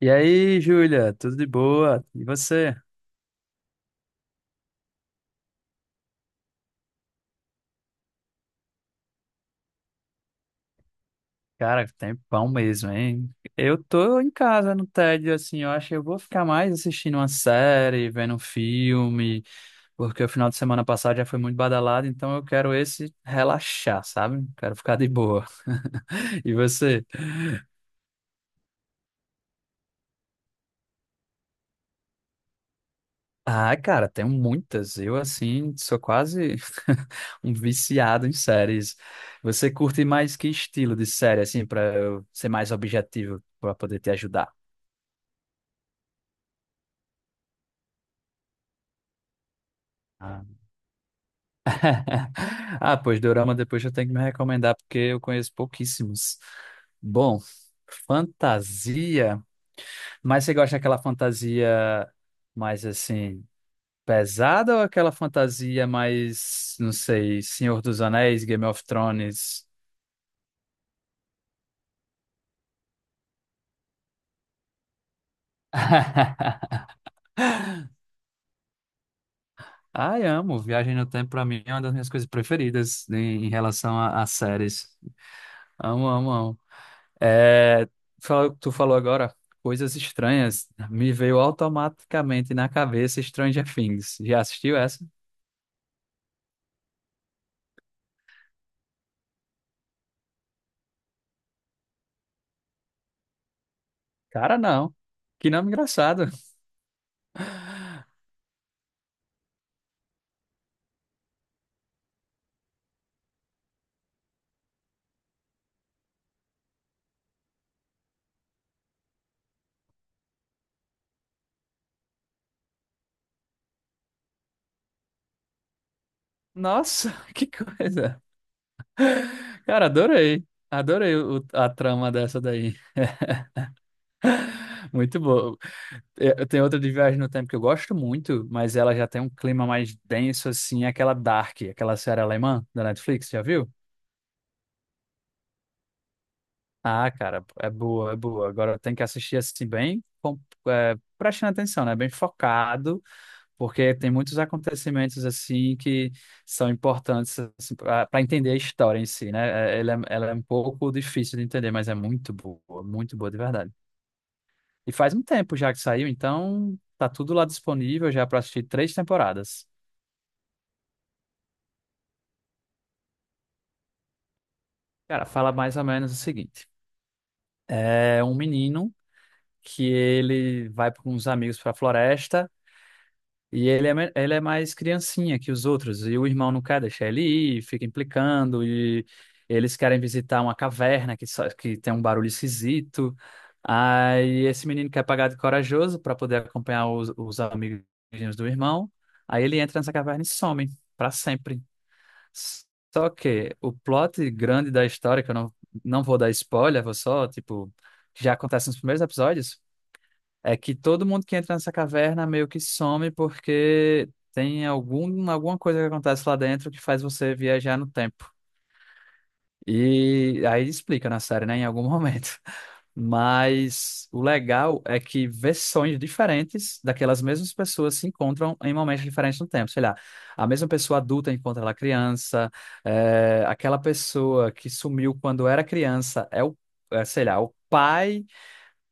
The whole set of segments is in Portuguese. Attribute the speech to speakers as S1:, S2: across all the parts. S1: E aí, Júlia, tudo de boa? E você? Cara, tempão mesmo, hein? Eu tô em casa no tédio, assim, eu acho que eu vou ficar mais assistindo uma série, vendo um filme, porque o final de semana passado já foi muito badalado, então eu quero esse relaxar, sabe? Quero ficar de boa. E você? Ah, cara, tenho muitas. Eu, assim, sou quase um viciado em séries. Você curte mais que estilo de série, assim, pra eu ser mais objetivo, pra poder te ajudar? Ah, pois Dorama depois eu tenho que me recomendar, porque eu conheço pouquíssimos. Bom, fantasia. Mas você gosta daquela fantasia mais assim, pesada ou aquela fantasia mais, não sei, Senhor dos Anéis, Game of Thrones? Ai, amo. Viagem no Tempo, pra mim, é uma das minhas coisas preferidas em relação a séries. Amo, amo, amo. É, tu falou agora coisas estranhas. Me veio automaticamente na cabeça Stranger Things. Já assistiu essa? Cara, não. Que nome engraçado. Nossa, que coisa. Cara, adorei. Adorei a trama dessa daí. Muito boa. Eu tenho outra de Viagem no Tempo que eu gosto muito, mas ela já tem um clima mais denso, assim, aquela Dark, aquela série alemã da Netflix, já viu? Ah, cara, é boa, é boa. Agora tem que assistir assim bem, é, prestando atenção, né? Bem focado, porque tem muitos acontecimentos assim que são importantes assim, para entender a história em si, né? É, ela é, ela é um pouco difícil de entender, mas é muito boa de verdade. E faz um tempo já que saiu, então tá tudo lá disponível já para assistir três temporadas. Cara, fala mais ou menos o seguinte: é um menino que ele vai com uns amigos para a floresta. E ele é, ele é mais criancinha que os outros. E o irmão não quer deixar ele ir, fica implicando. E eles querem visitar uma caverna que, só, que tem um barulho esquisito. Aí esse menino quer pagar de corajoso para poder acompanhar os amigos do irmão. Aí ele entra nessa caverna e some para sempre. Só que o plot grande da história, que eu não, não vou dar spoiler, vou só, tipo, já acontece nos primeiros episódios. É que todo mundo que entra nessa caverna meio que some porque tem algum, alguma coisa que acontece lá dentro que faz você viajar no tempo. E aí explica na série, né, em algum momento. Mas o legal é que versões diferentes daquelas mesmas pessoas se encontram em momentos diferentes no tempo. Sei lá, a mesma pessoa adulta encontra ela criança, aquela pessoa que sumiu quando era criança é o, é, sei lá, o pai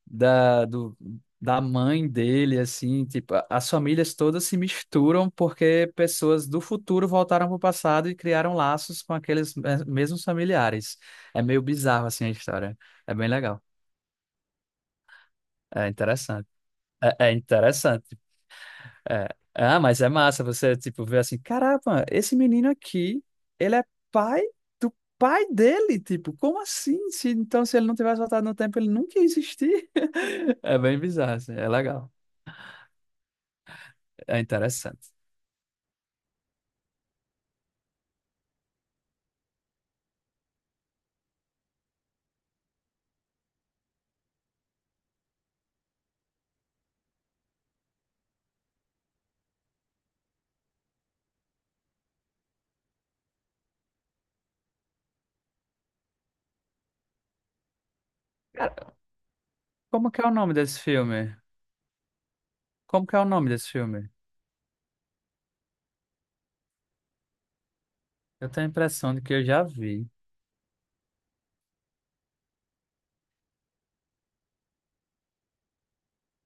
S1: da, do, da mãe dele, assim, tipo, as famílias todas se misturam porque pessoas do futuro voltaram para o passado e criaram laços com aqueles mesmos familiares. É meio bizarro, assim, a história. É bem legal. É interessante. É, é interessante. É. Ah, mas é massa você, tipo, ver assim, caramba, esse menino aqui, ele é pai do pai dele, tipo, como assim? Se, então, se ele não tivesse voltado no tempo, ele nunca ia existir. É bem bizarro, assim, é legal. É interessante. Cara, como que é o nome desse filme? Como que é o nome desse filme? Eu tenho a impressão de que eu já vi.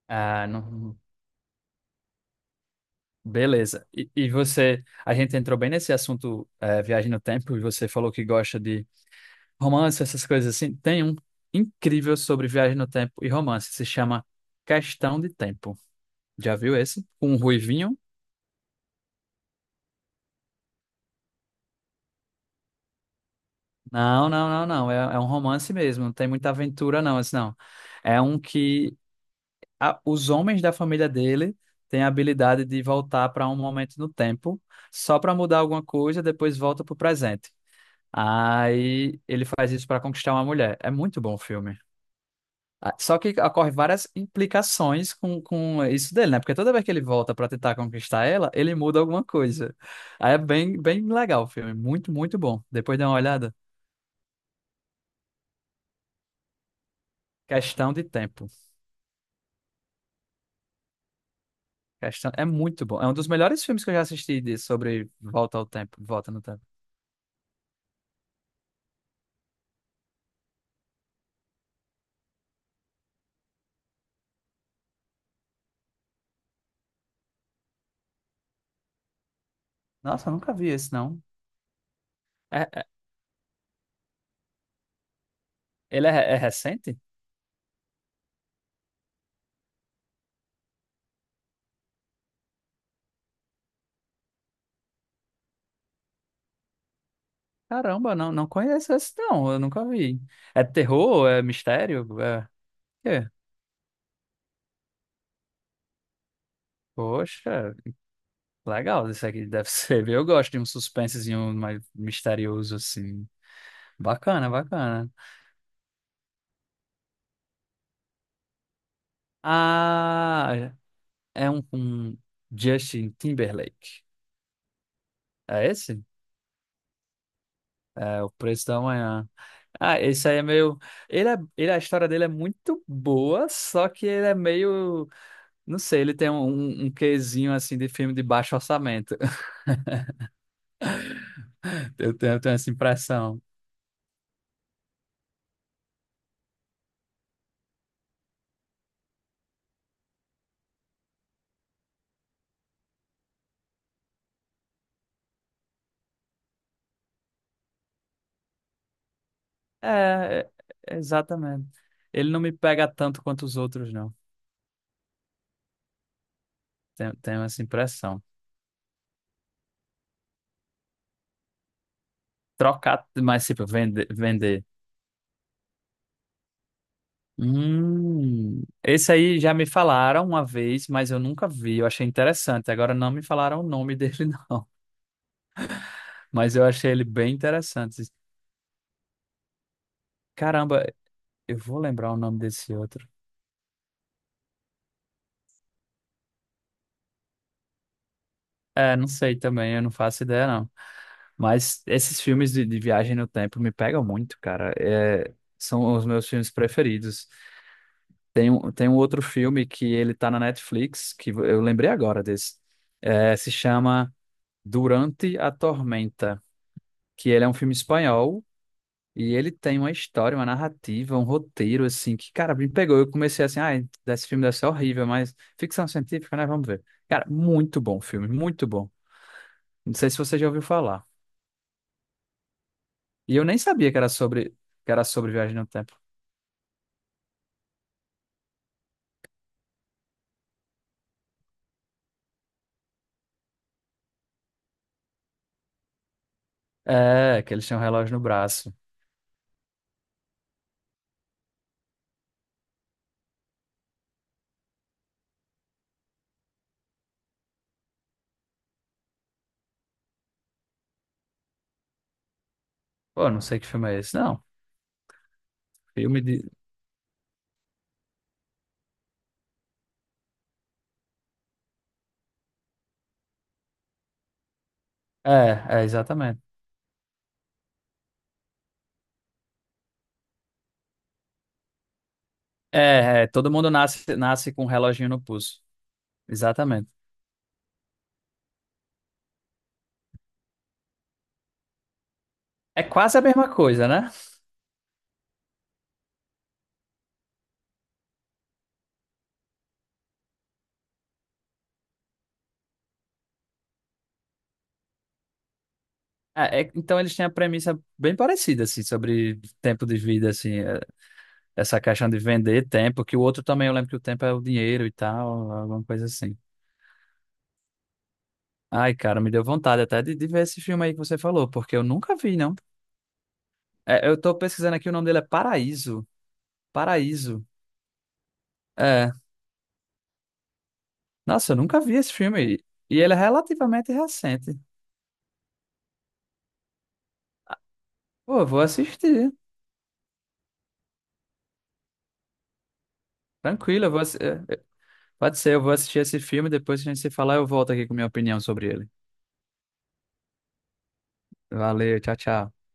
S1: Ah, não. Beleza. E você, a gente entrou bem nesse assunto, viagem no tempo, e você falou que gosta de romance, essas coisas assim. Tem um incrível sobre viagem no tempo e romance. Se chama Questão de Tempo. Já viu esse? Com um ruivinho? Não, não, não, não. É, é um romance mesmo. Não tem muita aventura, não. Esse não. É um que os homens da família dele têm a habilidade de voltar para um momento no tempo, só para mudar alguma coisa, depois volta para o presente. Aí ele faz isso para conquistar uma mulher. É muito bom o filme. Ah, só que ocorre várias implicações com isso dele, né? Porque toda vez que ele volta para tentar conquistar ela, ele muda alguma coisa. Aí é bem, bem legal o filme. Muito, muito bom. Depois dá uma olhada. Questão de tempo. Questão... É muito bom. É um dos melhores filmes que eu já assisti de... sobre volta ao tempo, volta no tempo. Nossa, eu nunca vi esse, não. É- é- ele é, é recente? Caramba, não, não conheço esse, não. Eu nunca vi. É terror? É mistério? É... quê? Poxa, legal. Isso aqui deve ser. Eu gosto de um suspensezinho mais misterioso, assim. Bacana, bacana. Ah, é um com Justin Timberlake. É esse? É O Preço da Manhã. Ah, esse aí é meio. Ele é... ele, a história dele é muito boa, só que ele é meio. Não sei, ele tem um, um quezinho assim de filme de baixo orçamento. Eu tenho essa impressão. É, é, exatamente. Ele não me pega tanto quanto os outros, não. Tenho, tenho essa impressão. Trocar, mas tipo, vender, vender. Esse aí já me falaram uma vez, mas eu nunca vi. Eu achei interessante. Agora não me falaram o nome dele, não. Mas eu achei ele bem interessante. Caramba, eu vou lembrar o nome desse outro. É, não sei também, eu não faço ideia, não. Mas esses filmes de viagem no tempo me pegam muito, cara. É, são os meus filmes preferidos. Tem um outro filme que ele tá na Netflix, que eu lembrei agora desse. É, se chama Durante a Tormenta, que ele é um filme espanhol e ele tem uma história, uma narrativa, um roteiro, assim, que, cara, me pegou. Eu comecei assim, ah, esse filme deve ser horrível, mas ficção científica, né? Vamos ver. Cara, muito bom o filme, muito bom. Não sei se você já ouviu falar. E eu nem sabia que era sobre viagem no tempo. É, que eles têm um relógio no braço. Pô, não sei que filme é esse. Não, filme de. É, é, exatamente. É, é, todo mundo nasce, nasce com um reloginho no pulso. Exatamente. É quase a mesma coisa, né? Então eles têm a premissa bem parecida, assim, sobre tempo de vida, assim, é, essa questão de vender tempo, que o outro também, eu lembro que o tempo é o dinheiro e tal, alguma coisa assim. Ai, cara, me deu vontade até de ver esse filme aí que você falou, porque eu nunca vi, não. É, eu tô pesquisando aqui, o nome dele é Paraíso. Paraíso. É, nossa, eu nunca vi esse filme. E ele é relativamente recente. Pô, eu vou assistir. Tranquilo, eu vou Pode ser, eu vou assistir esse filme. Depois que a gente se falar, eu volto aqui com minha opinião sobre ele. Valeu, tchau, tchau.